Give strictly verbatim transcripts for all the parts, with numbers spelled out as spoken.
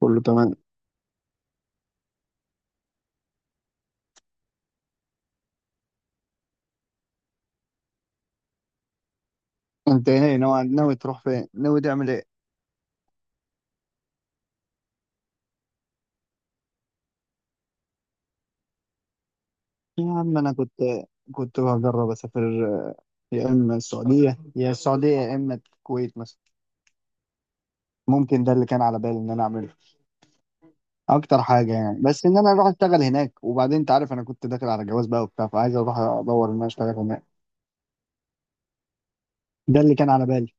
كله تمام. انت ايه، ناوي ناوي تروح فين، ناوي تعمل ايه؟ يا عم، انا كنت كنت بجرب اسافر. يا اما السعوديه يا السعوديه يا اما الكويت مثلا. ممكن ده اللي كان على بالي ان انا اعمله، اكتر حاجه يعني. بس ان انا اروح اشتغل هناك، وبعدين انت عارف انا كنت داخل على جواز بقى وبتاع، فعايز اروح ادور ان انا اشتغل هناك. ده اللي كان على بالي.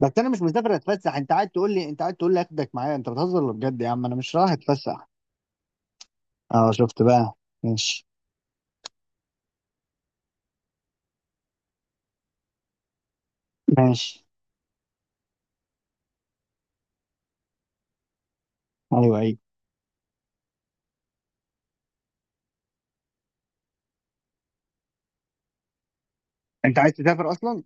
بس انا مش مسافر اتفسح. انت قاعد تقول لي انت قاعد تقول لي اخدك معايا؟ انت بتهزر ولا بجد؟ يا عم، انا مش رايح اتفسح. اه، شفت بقى. ماشي ماشي. ايوه ايوه، انت عايز تسافر اصلا؟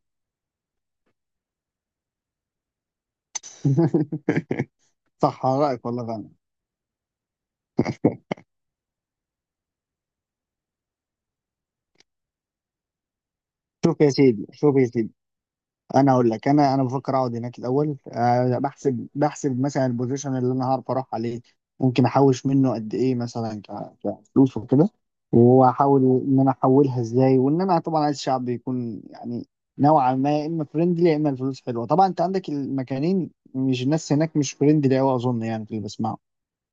صح، على رأيك والله فعلا. شوف يا سيدي، شوف يا سيدي. انا اقول لك، انا انا بفكر اقعد هناك الاول، آه، بحسب بحسب مثلا البوزيشن اللي انا هعرف اروح عليه. ممكن احوش منه قد ايه، مثلا ك- كفلوس وكده. واحاول ان انا احولها ازاي، وان انا طبعا عايز شعب يكون يعني نوعا ما يا اما فريندلي يا اما الفلوس حلوه. طبعا انت عندك المكانين. مش الناس هناك مش فريندلي قوي اظن، يعني في اللي بسمعه.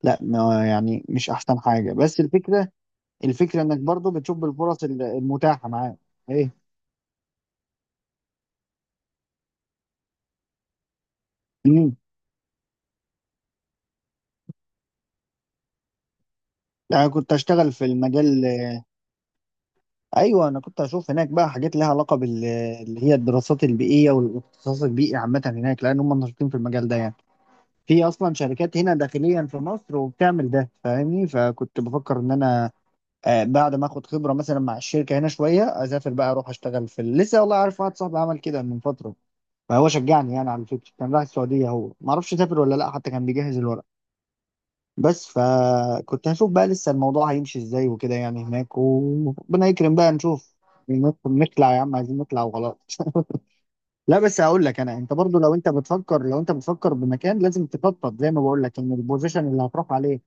لا، ما- يعني مش احسن حاجه، بس الفكره، الفكره انك برضو بتشوف الفرص المتاحه معاك. ايه. مم. انا كنت اشتغل في المجال. ايوه، انا كنت اشوف هناك بقى حاجات لها علاقه بال اللي هي الدراسات البيئيه والاختصاص البيئي عامه هناك، لان هم نشيطين في المجال ده يعني. في اصلا شركات هنا داخليا في مصر وبتعمل ده، فاهمني، فكنت بفكر ان انا آه، بعد ما اخد خبره مثلا مع الشركه هنا شويه، اسافر بقى، اروح اشتغل في ال- لسه والله عارف. واحد صاحبي عمل كده من فتره، فهو شجعني يعني. على فكره كان رايح السعوديه، هو ما اعرفش سافر ولا لا، حتى كان بيجهز الورق. بس فكنت هشوف بقى لسه الموضوع هيمشي ازاي وكده يعني هناك، وربنا يكرم بقى نشوف. نطلع يا عم، عايزين نطلع وخلاص. لا بس هقول لك انا، انت برضو لو انت بتفكر لو انت بتفكر بمكان لازم تخطط، زي ما بقول لك، ان البوزيشن اللي هتروح عليه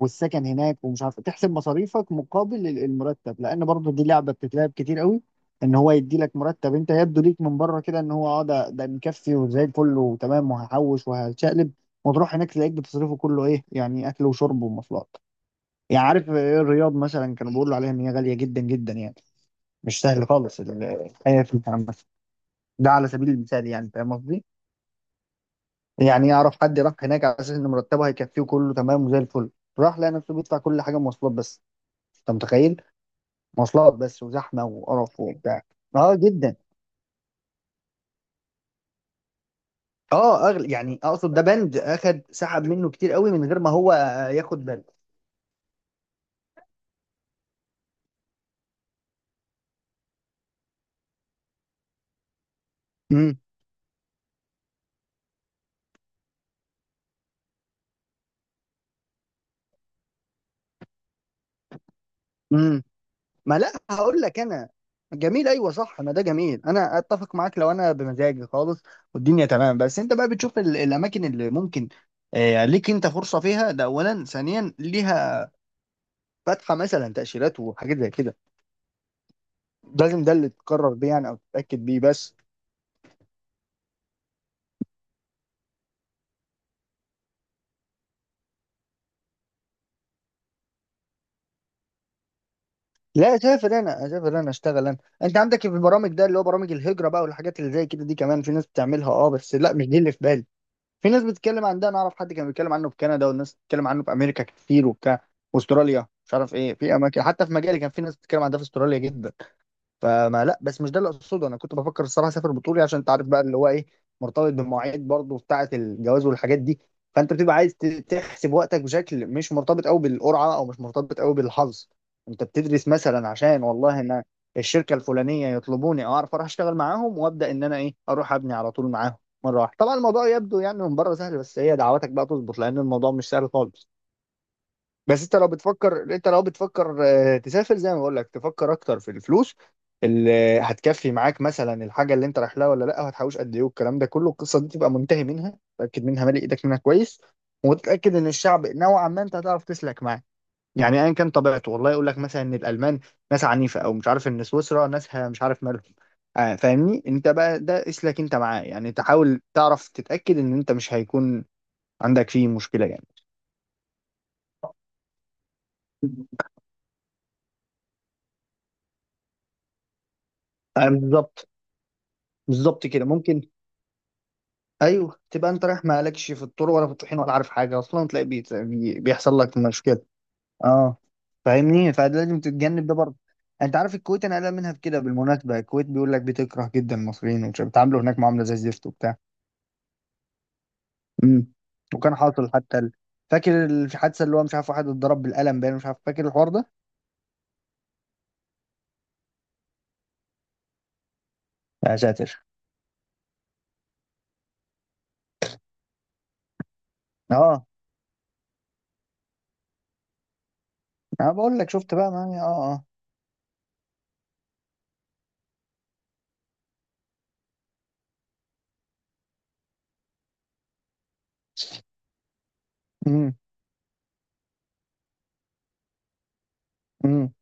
والسكن هناك ومش عارف، تحسب مصاريفك مقابل ال- المرتب، لان برضو دي لعبه بتتلعب كتير قوي. ان هو يدي لك مرتب انت يبدو ليك من بره كده ان هو اه ده ده مكفي وزي الفل وتمام، وهحوش وهشقلب، وتروح هناك تلاقيك بتصرفه كله، ايه يعني، اكل وشرب ومواصلات. يعني عارف إيه، الرياض مثلا كانوا بيقولوا عليها ان هي غاليه جدا جدا يعني. مش سهل خالص ال- الحياه في، مثلا. ده على سبيل المثال يعني، فاهم قصدي؟ يعني اعرف حد راح هناك على اساس ان مرتبه هيكفيه كله تمام وزي الفل، راح لقى نفسه بيدفع كل حاجه، مواصلات بس. انت متخيل؟ مواصلات بس، وزحمه وقرف وبتاع. اه، جدا. اه، اغلى يعني اقصد، ده بند اخد سحب منه كتير قوي من غير ما هو ياخد باله. امم. ما لا هقول لك انا. جميل، ايوه صح، ما ده جميل، انا اتفق معاك لو انا بمزاجي خالص والدنيا تمام. بس انت بقى بتشوف ال- الاماكن اللي ممكن آه، ليك انت فرصه فيها. ده اولا. ثانيا، ليها فاتحه مثلا تاشيرات وحاجات زي كده. لازم ده اللي تقرر بيه يعني او تتاكد بيه بس. لا، اسافر انا، اسافر انا، اشتغل انا. انت عندك في البرامج، ده اللي هو برامج الهجره بقى والحاجات اللي زي كده، دي كمان في ناس بتعملها، اه، بس لا، مش دي اللي في بالي. في ناس بتتكلم عن ده. انا اعرف حد كان بيتكلم عنه في كندا، والناس بتتكلم عنه في امريكا كتير وبتاع، واستراليا. مش عارف ايه، في اماكن، حتى في مجالي كان في ناس بتتكلم عن ده في استراليا جدا. فما لا، بس مش ده اللي اقصده. انا كنت بفكر الصراحه اسافر بطولي، عشان انت عارف بقى، اللي هو ايه، مرتبط بالمواعيد برضه بتاعه الجواز والحاجات دي. فانت بتبقى عايز ت- تحسب وقتك بشكل مش مرتبط قوي بالقرعه، او مش مرتبط قوي بالحظ. انت بتدرس مثلا عشان والله ان الشركه الفلانيه يطلبوني، اعرف اروح اشتغل معاهم، وابدا ان انا ايه، اروح ابني على طول معاهم مره واحده. طبعا الموضوع يبدو يعني من بره سهل، بس هي دعواتك بقى تظبط، لان الموضوع مش سهل خالص. بس انت لو بتفكر انت لو بتفكر آه، تسافر، زي ما بقول لك، تفكر اكتر في الفلوس اللي هتكفي معاك، مثلا الحاجه اللي انت رايح لها ولا لا، وهتحوش قد ايه، والكلام ده كله، القصه دي تبقى منتهي منها، تاكد منها، مالي ايدك منها كويس. وتتاكد ان الشعب نوعا ما انت هتعرف تسلك معاه، يعني ايا كان طبيعته. والله يقول لك مثلا ان الالمان ناس عنيفه، او مش عارف ان سويسرا ناسها مش عارف مالهم. آه فاهمني. انت بقى ده اسلك انت معاه يعني، تحاول تعرف، تتاكد ان انت مش هيكون عندك فيه مشكله يعني. آه، بالظبط. بالظبط كده ممكن. ايوه، تبقى انت رايح مالكش في الطرق ولا في الطحين ولا عارف حاجه اصلا، تلاقي بيت بي- بيحصل لك مشكله. اه فاهمني، فلازم تتجنب ده برضه. انت عارف الكويت انا قلقان منها في كده، بالمناسبه. الكويت بيقول لك بتكره جدا المصريين ومش بيتعاملوا هناك معامله زي الزفت وبتاع. امم. وكان حاصل حتى ال... فاكر الحادثه اللي هو مش عارف، واحد اتضرب بالقلم باين، مش عارف، فاكر الحوار ده؟ يا ساتر. اه، انا بقول لك، شفت بقى معايا، اه اه. امم.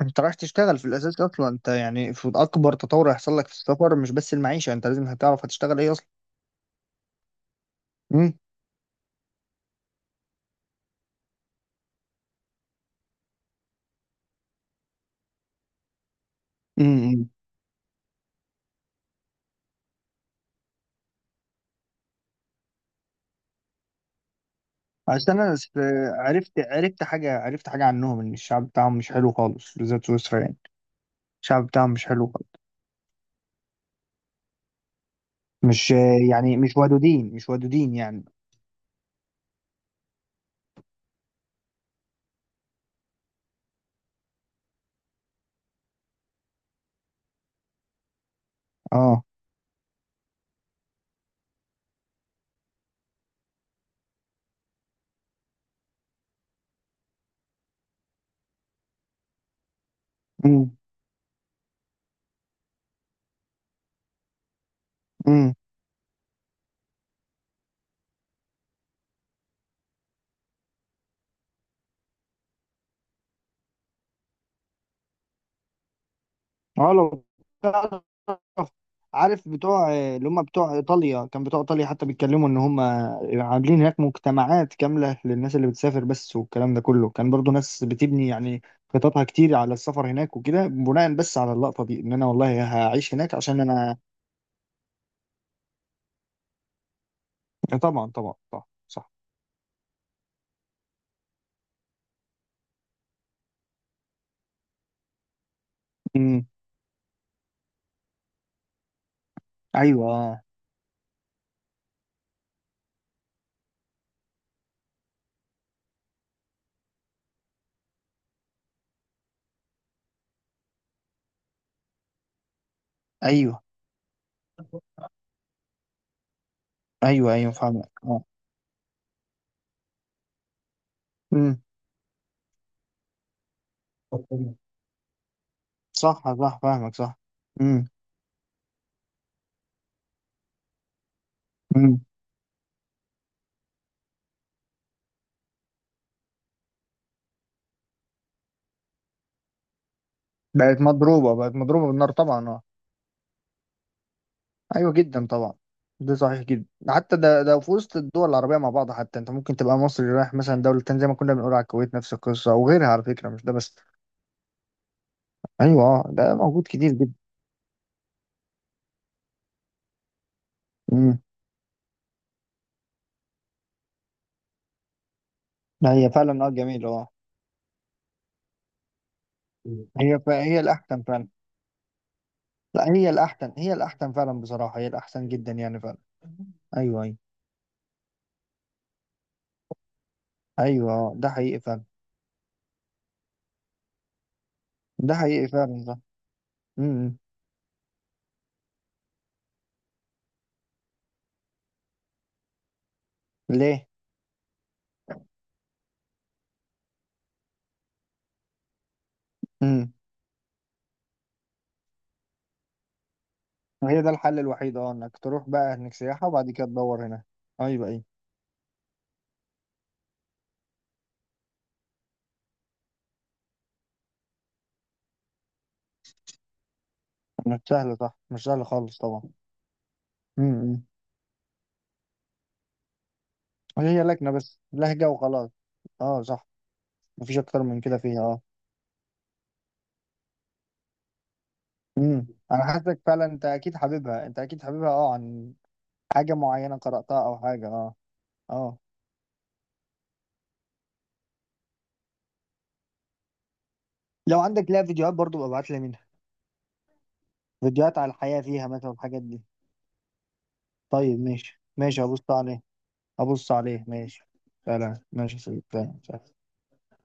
انت رايح تشتغل في الاساس اصلا انت يعني، في اكبر تطور هيحصل لك في السفر، مش بس المعيشه. انت لازم هتعرف هتشتغل ايه اصلا. امم امم. عشان انا س- عرفت عرفت حاجه عرفت حاجه عنهم ان الشعب بتاعهم مش حلو خالص، بالذات سويسرا يعني. الشعب بتاعهم مش حلو خالص. مش يعني مش ودودين، مش ودودين يعني. اه. امم. امم. اه. لو عارف بتوع اللي هم بتوع ايطاليا، كان بتوع ايطاليا حتى بيتكلموا ان هم عاملين هناك مجتمعات كامله للناس اللي بتسافر بس. والكلام ده كله كان برضو، ناس بتبني يعني خططها كتير على السفر هناك وكده، بناء بس على اللقطه دي ان انا والله هعيش هناك عشان انا. آه، طبعا طبعا طبعا، صح. امم. ايوه. آه. ايوه ايوه ايوه، فاهمك، اه. امم. صح صح، فاهمك، صح. امم. امم. بقت مضروبه بقت مضروبه بالنار طبعا، اه. ايوه، جدا طبعا. ده صحيح جدا، حتى ده ده في وسط الدول العربيه مع بعض. حتى انت ممكن تبقى مصري رايح مثلا دوله تانية، زي ما كنا بنقول على الكويت، نفس القصه وغيرها على فكره، مش ده بس. ايوه، آه، ده موجود كتير جدا. امم. هي فعلا، اه، جميل، اه. هي ف... هي الاحسن فعلا. لا، هي الاحسن، هي الاحسن فعلا بصراحه، هي الاحسن جدا يعني فعلا. ايوه ايوه ايوه، آه، ده حقيقي فعلا، ده حقيقي فعلا ده. امم. ليه؟ امم. هي ده الحل الوحيد، اه، انك تروح بقى هناك سياحه وبعد كده تدور هنا. ايوه ايوه. مش سهلة، صح، مش سهلة خالص طبعا. امم. هي لكنة بس، لهجة وخلاص. اه، صح. مفيش أكتر من كده فيها، اه. امم. أنا حاسسك فعلا، أنت أكيد حاببها أنت أكيد حاببها، اه. عن حاجة معينة قرأتها؟ أو حاجة، اه. اه، لو عندك لها فيديوهات برضو، ببقى ابعت لي منها. فيديوهات على الحياة فيها مثلا، الحاجات دي. طيب ماشي ماشي، هبص عليه. هبص عليه، ماشي. فعلا ماشي يا سيدي. فعلا فعلا.